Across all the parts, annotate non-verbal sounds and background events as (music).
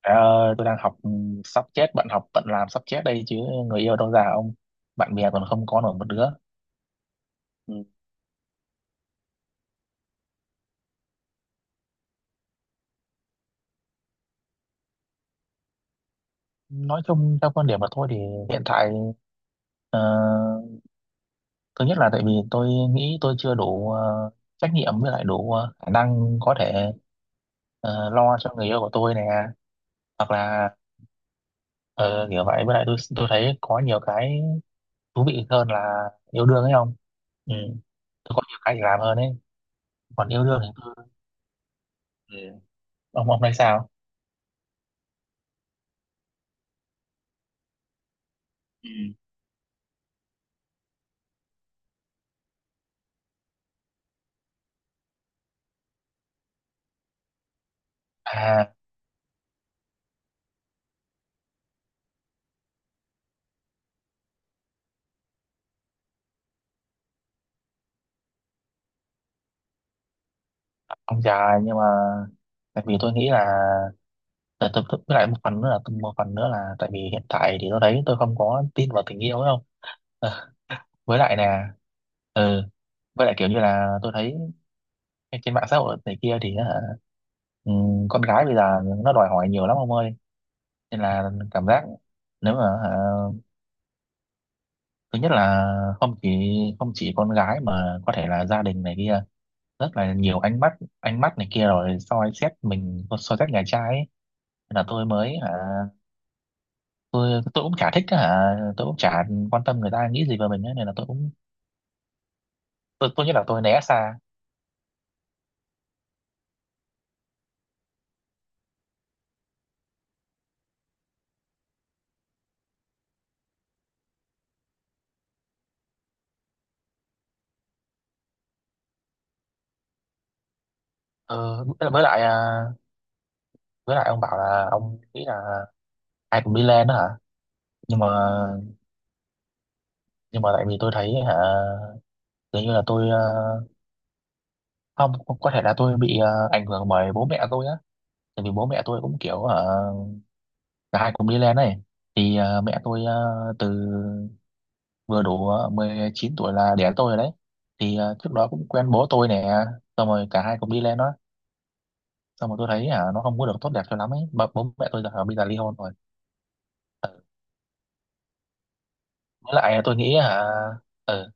Ờ, tôi đang học, sắp chết. Bận học bận làm sắp chết đây chứ. Người yêu đâu, già ông, bạn bè còn không có nổi một đứa. Ừ. Nói chung theo quan điểm của tôi thì hiện tại, ờ, thứ nhất là tại vì tôi nghĩ tôi chưa đủ trách nhiệm, với lại đủ khả năng có thể lo cho người yêu của tôi nè. Hoặc là ờ, kiểu vậy. Với lại tôi thấy có nhiều cái thú vị hơn là yêu đương ấy không. Ừ. Tôi có nhiều cái để làm hơn ấy. Còn yêu đương thì tôi... Ừ. Ông thấy sao? Ừ. À. Ông dài, nhưng mà tại vì tôi nghĩ là tại với lại một phần nữa là tại vì hiện tại thì tôi thấy tôi không có tin vào tình yêu đâu. Ờ, với lại nè. Ừ. Với lại kiểu như là tôi thấy trên mạng xã hội này kia thì hả, ừ, con gái bây giờ nó đòi hỏi nhiều lắm ông ơi. Nên là cảm giác, nếu mà hả, thứ nhất là không chỉ không chỉ con gái, mà có thể là gia đình này kia, rất là nhiều ánh mắt, ánh mắt này kia rồi soi xét mình, soi xét nhà trai ấy. Nên là tôi mới hả, tôi cũng chả thích á hả, tôi cũng chả quan tâm người ta nghĩ gì về mình ấy, nên là tôi cũng... Tôi nghĩ là tôi né xa. Ờ, với lại à, với lại ông bảo là ông nghĩ là ai cũng đi lên đó hả. Nhưng mà nhưng mà tại vì tôi thấy hả dường như là tôi không, có thể là tôi bị ảnh hưởng bởi bố mẹ tôi á. Tại vì bố mẹ tôi cũng kiểu hả, cả hai cùng đi lên này. Thì mẹ tôi từ vừa đủ 19 tuổi là đẻ tôi rồi đấy. Thì trước đó cũng quen bố tôi nè. Xong rồi cả hai cùng đi lên đó. Xong rồi tôi thấy hả nó không có được tốt đẹp cho lắm ấy. Bố mẹ tôi giờ hả, bây giờ ly hôn rồi. Với lại tôi nghĩ hả, ừ,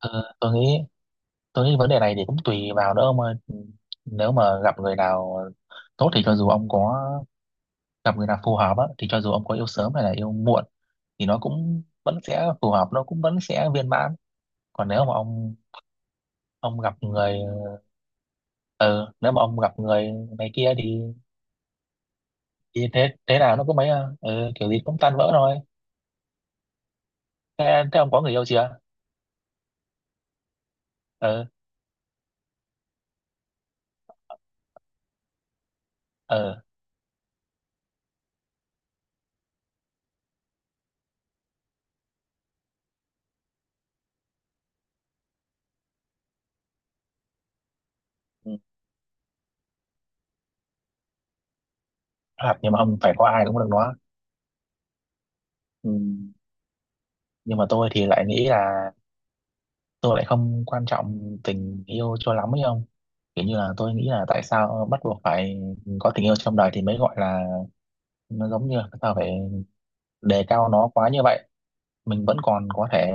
ừ, tôi nghĩ tôi nghĩ vấn đề này thì cũng tùy vào nữa ông ơi. Nếu mà gặp người nào tốt thì cho dù ông có gặp người nào phù hợp á, thì cho dù ông có yêu sớm hay là yêu muộn thì nó cũng vẫn sẽ phù hợp, nó cũng vẫn sẽ viên mãn. Còn nếu mà ông gặp người... ừ, nếu mà ông gặp người này kia thì thế thế nào nó cũng mấy à. Ừ, Kiểu gì cũng tan vỡ thôi. Thế, thế ông có người yêu chưa? Ừ. Ừ. Ừ. Hoặc nhưng mà ông phải có ai cũng được nó. Ừ, nhưng mà tôi thì lại nghĩ là tôi lại không quan trọng tình yêu cho lắm ấy không. Kiểu như là tôi nghĩ là tại sao bắt buộc phải có tình yêu trong đời thì mới gọi là... nó giống như là sao phải đề cao nó quá như vậy. Mình vẫn còn có thể,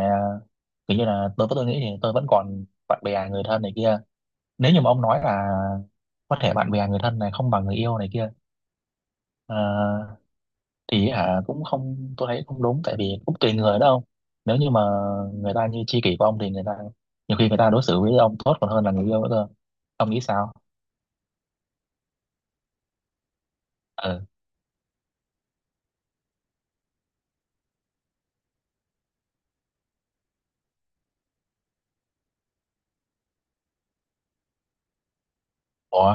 kiểu như là đối với tôi nghĩ thì tôi vẫn còn bạn bè người thân này kia. Nếu như mà ông nói là có thể bạn bè người thân này không bằng người yêu này kia... Ờ. Thì hả cũng không, tôi thấy không đúng, tại vì cũng tùy người đó ông. Nếu như mà người ta như tri kỷ của ông thì người ta, nhiều khi người ta đối xử với ông tốt còn hơn là người yêu nữa cơ. Ông nghĩ sao? Ừ. Ủa.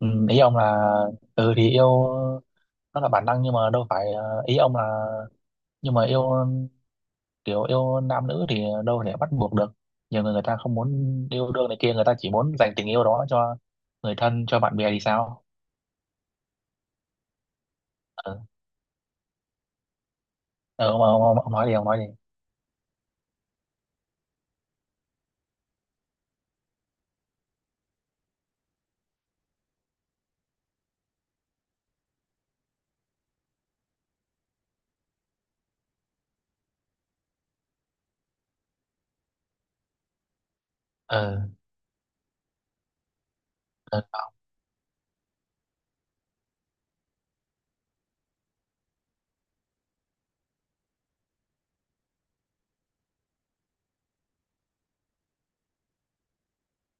Ừ, Ý ông là... ừ thì yêu nó là bản năng, nhưng mà đâu phải ý ông là... nhưng mà yêu, kiểu yêu nam nữ thì đâu thể bắt buộc được. Nhiều người, người ta không muốn yêu đương này kia, người ta chỉ muốn dành tình yêu đó cho người thân, cho bạn bè thì sao? Ờ. Ông nói đi, ông nói đi. Ờ. Ờ.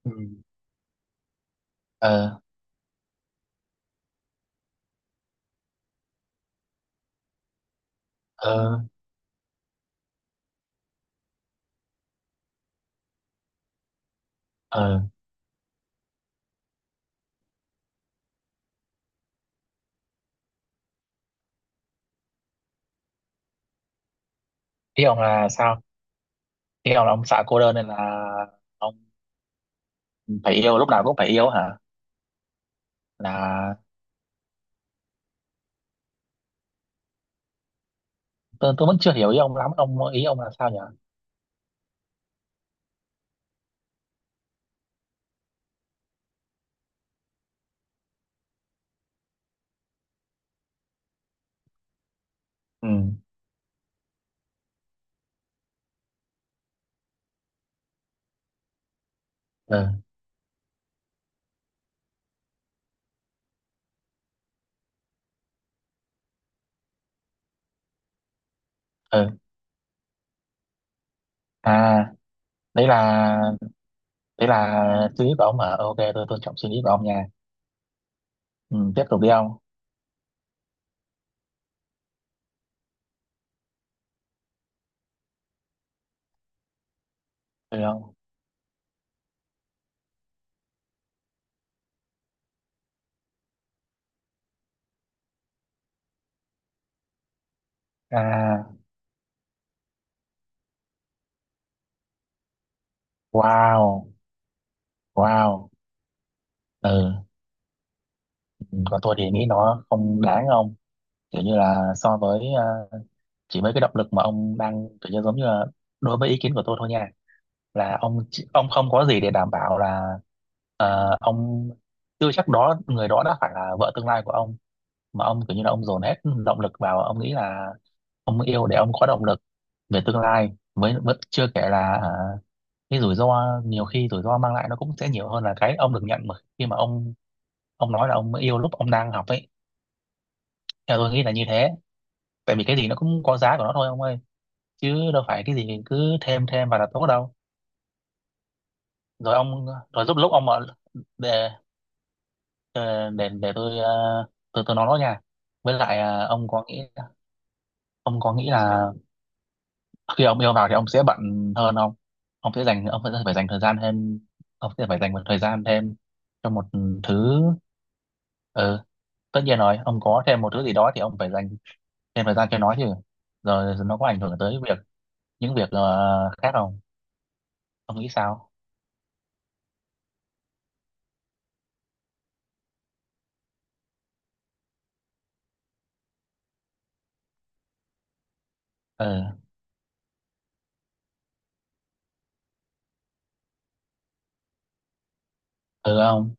Ừ. Ờ. Ờ. Ờ. Ý ông là sao? Ý ông là ông sợ cô đơn nên là ông phải yêu, lúc nào cũng phải yêu hả? Là tôi vẫn chưa hiểu ý ông lắm ông, ý ông là sao nhỉ? Ừ. Ờ. Ờ. À. đấy là đấy là suy nghĩ của ông hả? Ờ, ok, tôi tôn trọng suy nghĩ của ông nha. Ừ, tiếp tục đi ông. Được không? À. Wow. Wow. Ừ. Còn tôi thì nghĩ nó không đáng ông. Kiểu như là so với chỉ mấy cái động lực mà ông đang kiểu như giống như là đối với ý kiến của tôi thôi nha. Là ông không có gì để đảm bảo là ông chưa chắc đó người đó đã phải là vợ tương lai của ông. Mà ông kiểu như là ông dồn hết động lực vào. Ông nghĩ là ông yêu để ông có động lực về tương lai, mới mới- chưa kể là hả, cái rủi ro, nhiều khi rủi ro mang lại nó cũng sẽ nhiều hơn là cái ông được nhận, mà khi mà ông nói là ông yêu lúc ông đang học ấy. Theo tôi nghĩ là như thế. Tại vì cái gì nó cũng có giá của nó thôi ông ơi, chứ đâu phải cái gì cứ thêm thêm vào là tốt đâu. rồi ông Rồi giúp lúc ông mà... để để để tôi tôi nói nó nha. Với lại ông có nghĩ, ông có nghĩ là khi ông yêu vào thì ông sẽ bận hơn không? Ông sẽ dành, ông sẽ phải dành thời gian thêm. Ông sẽ phải dành một thời gian thêm cho một thứ. Ừ, tất nhiên rồi, ông có thêm một thứ gì đó thì ông phải dành thêm thời gian cho nó chứ. Rồi nó có ảnh hưởng tới những việc khác không? Ông nghĩ sao? Ừ. Ừ. Ông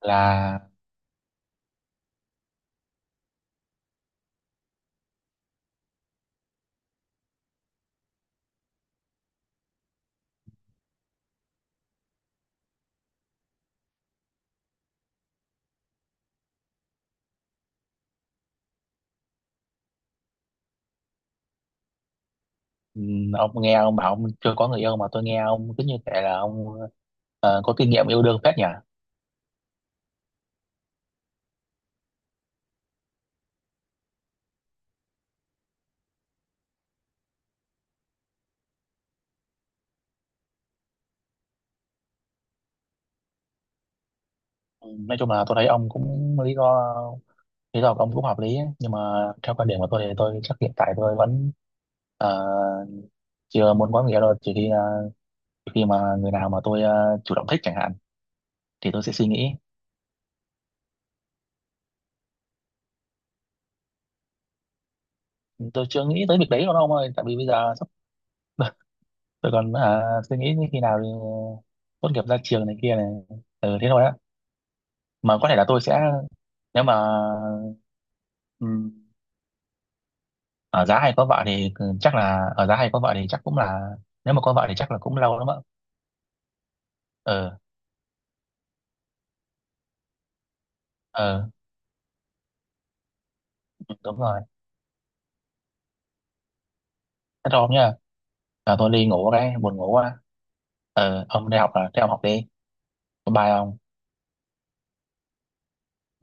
là... Ừ, ông nghe ông bảo ông chưa có người yêu mà tôi nghe ông cứ như thể là ông có kinh nghiệm yêu đương phết nhỉ. Ừ, nói chung là tôi thấy ông cũng lý do, lý do của ông cũng hợp lý ấy. Nhưng mà theo quan điểm của tôi thì tôi chắc hiện tại tôi vẫn ờ, chưa muốn có người yêu đâu, trừ khi mà người nào mà tôi chủ động thích chẳng hạn, thì tôi sẽ suy nghĩ. Tôi chưa nghĩ tới việc đấy đâu ông ơi, tại vì bây giờ sắp (laughs) tôi còn suy nghĩ khi nào thì tốt nghiệp ra trường này kia này. Ừ, thế thôi á. Mà có thể là tôi sẽ, nếu mà ở giá hay có vợ thì chắc là ở giá hay có vợ thì chắc cũng là, nếu mà có vợ thì chắc là cũng lâu lắm ạ. Ờ. Ờ, đúng rồi. Thế thôi ông nhá. Là tôi đi ngủ cái, buồn ngủ quá. Ông đi học à? Thế ông học đi. Bye ông.